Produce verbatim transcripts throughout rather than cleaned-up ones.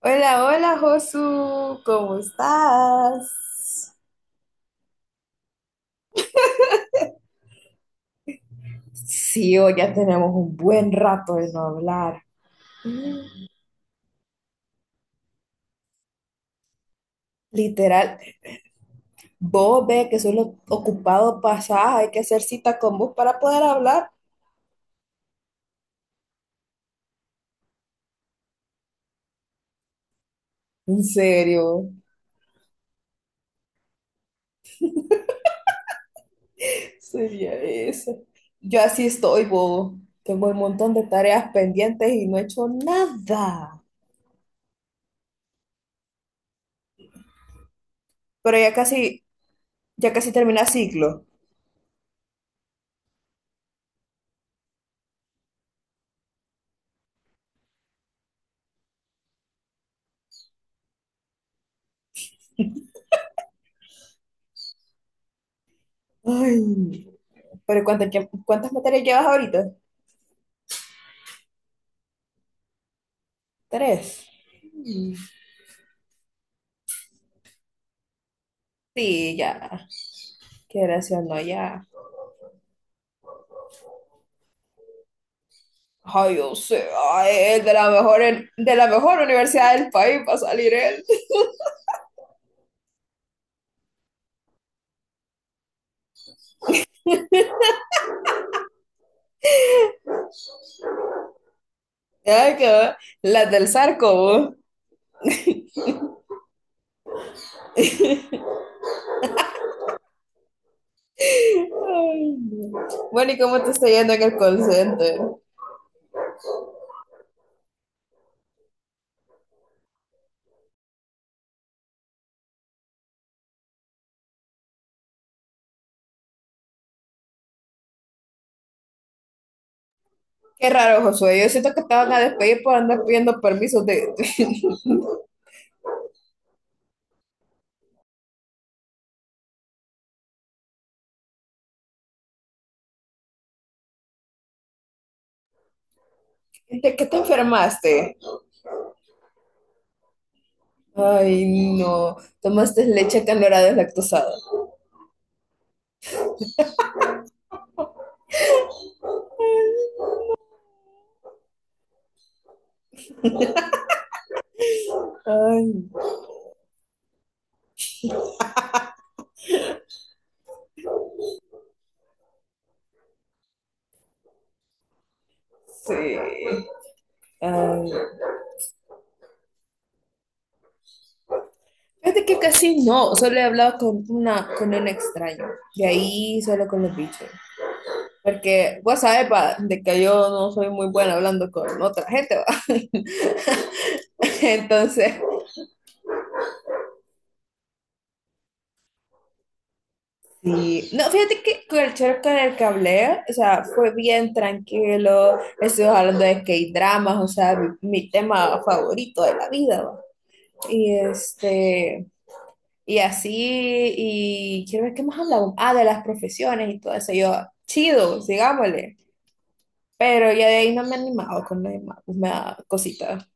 Hola, hola Josu, ¿cómo estás? Sí, hoy ya tenemos un buen rato de no hablar. Mm. Literal, vos ve que solo ocupado pasás, hay que hacer cita con vos para poder hablar. En serio, sería eso. Yo así estoy, bobo. Tengo un montón de tareas pendientes y no he hecho nada. Pero ya casi, ya casi termina ciclo. Ay, pero ¿cuántas, cuántas materias llevas ahorita? Tres. Sí, ya, qué o no, ya. Ay, yo sé. Ay, él de la mejor, de la mejor universidad del país para salir él. Ay, ¿qué? Las del Zarco, vos. Ay, no. Bueno, ¿y cómo te está yendo en el call center? Qué raro, Josué. Yo siento que te van a despedir por andar pidiendo permisos de, de, qué te enfermaste. Ay, no. Tomaste leche que no era deslactosada. Ay, sí. Ay, fíjate que casi no, solo he hablado con una, con un extraño, de ahí solo con los bichos, porque vos sabes va, de que yo no soy muy buena hablando con otra gente, va. Entonces, sí, no, fíjate que con el chero con el que hablé, o sea, fue bien tranquilo, estuvimos hablando de que hay dramas, o sea, mi, mi tema favorito de la vida, va. Y este, y así, y quiero ver qué más hablamos, ah, de las profesiones y todo eso, yo, chido, sigámosle. Pero ya de ahí no me he animado con la mapas, me cosita.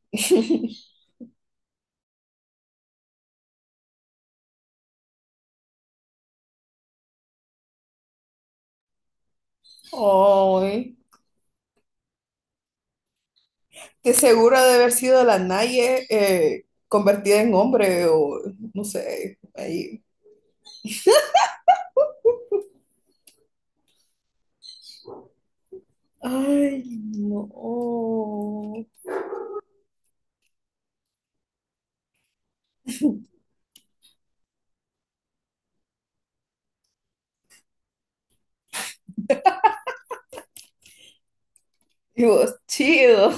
Ay, que seguro ha de haber sido la Naye, eh, convertida en hombre o no sé, ahí. Ay, no. Y vos, chido.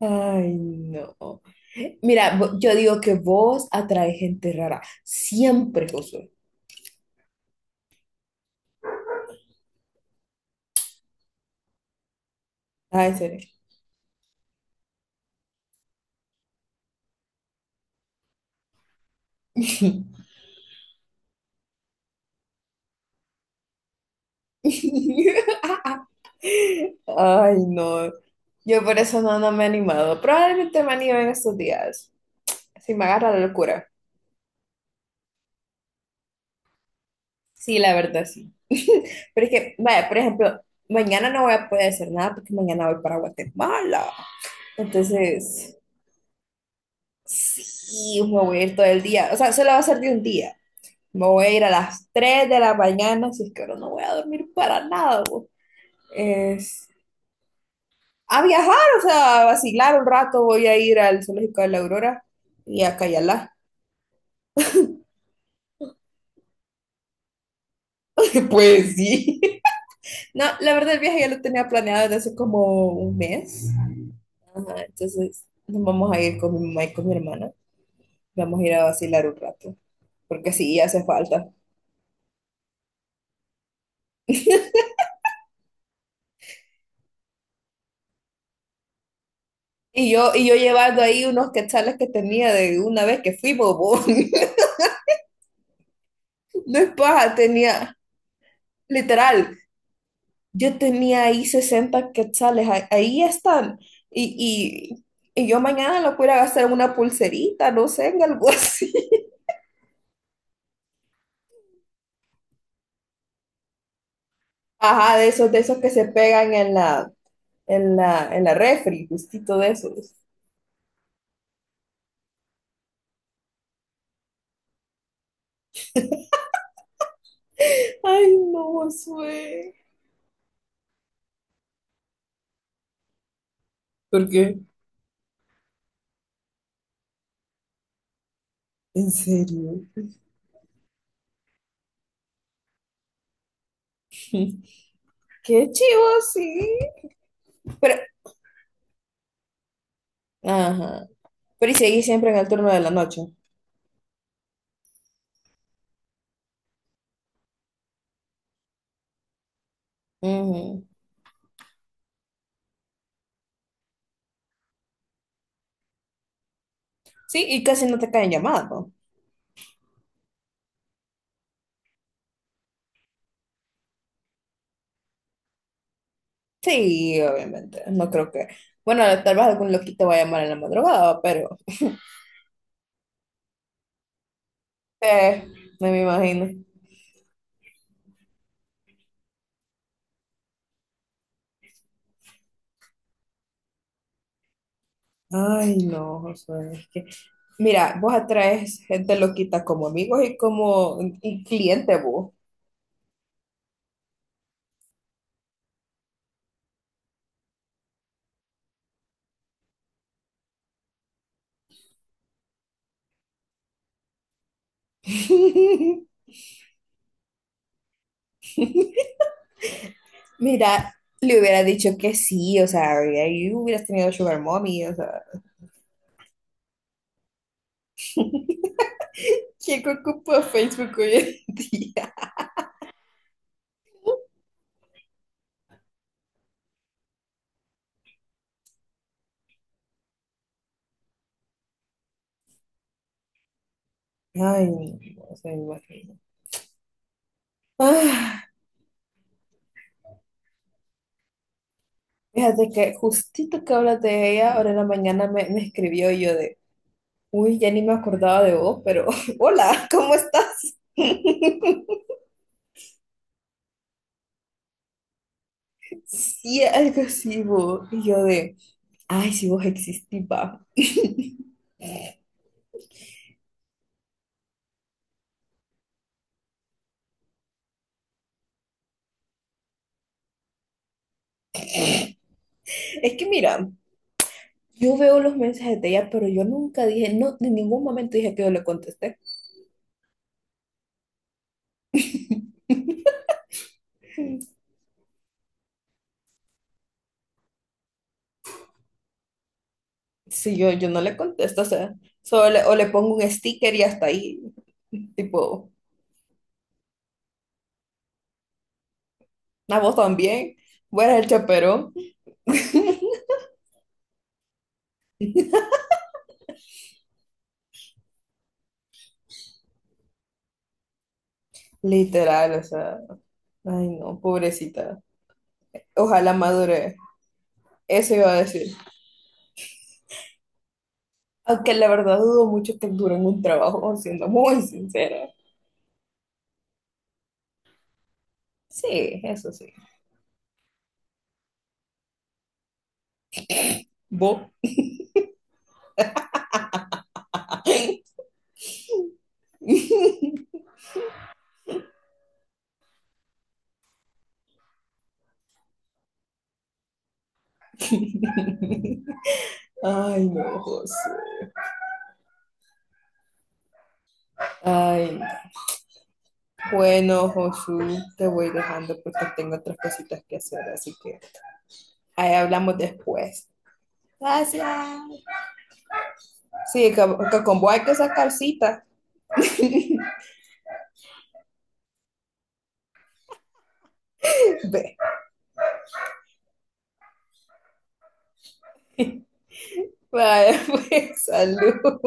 Ay, no. Mira, vo- yo digo que vos atrae gente rara. Siempre, Josué. Ah, en serio. Ay, no. Yo por eso no, no me he animado. Probablemente me anime en estos días. Sí, me agarra la locura. Sí, la verdad, sí. Pero es que, vaya, por ejemplo, mañana no voy a poder hacer nada porque mañana voy para Guatemala. Entonces, sí, me voy a ir todo el día. O sea, solo va a ser de un día. Me voy a ir a las tres de la mañana, así es que ahora no voy a dormir para nada. Bo. Es a viajar, o sea, a vacilar un rato, voy a ir al Zoológico de la Aurora y a Cayalá. Pues sí. No, la verdad el viaje ya lo tenía planeado desde hace como un mes. Ajá, entonces nos vamos a ir con mi mamá y con mi hermana. Vamos a ir a vacilar un rato, porque sí hace falta. Y yo, y yo llevando ahí unos quetzales que tenía de una vez que fui bobo. No es paja, tenía, literal, yo tenía ahí sesenta quetzales, ahí, ahí están. Y, y, y yo mañana lo pudiera gastar en una pulserita, no sé, en algo así. Ajá, de esos, de esos que se pegan en la, en la, en la refri, justito de esos. Ay, no, Josué. Porque, ¿en serio? Qué chivo, sí. Pero, ajá. Pero y seguís siempre en el turno de la noche. Ujú. Sí, y casi no te caen llamadas, ¿no? Sí, obviamente. No creo que. Bueno, tal vez algún loquito va a llamar en la madrugada, pero eh, no me imagino. Ay, no, Josué, es que. Mira, vos atraes gente loquita como amigos y como y cliente vos. Mira, le hubiera dicho que sí, o sea, y ahí hubieras tenido Sugar Mommy, o sea. ¿Quién ocupa Facebook hoy en día? Ay, no se me imagino. Ah, fíjate que justito que hablas de ella, ahora en la mañana me, me escribió y yo de, uy, ya ni me acordaba de vos, pero hola, ¿cómo estás? Sí, algo así, vos. Y yo de, ay, si vos existís, va. Es que mira, yo veo los mensajes de ella, pero yo nunca dije, no, en ningún momento dije que yo le contesté. Si yo, yo no le contesto, o sea, solo le- o le pongo un sticker y hasta ahí, tipo, a vos también, fuera el chaperón. Literal, o sea, ay no, pobrecita. Ojalá madure, eso iba a decir. Aunque la verdad dudo mucho que dure en un trabajo, siendo muy sincera. Sí, eso sí. ¿Vos? Ay, no, José. Ay, no. Bueno, Josu, te voy dejando porque tengo otras cositas que hacer, así que ahí hablamos después. Gracias. Sí, que, que con vos hay que sacar cita. Ve. Vale, pues, salud.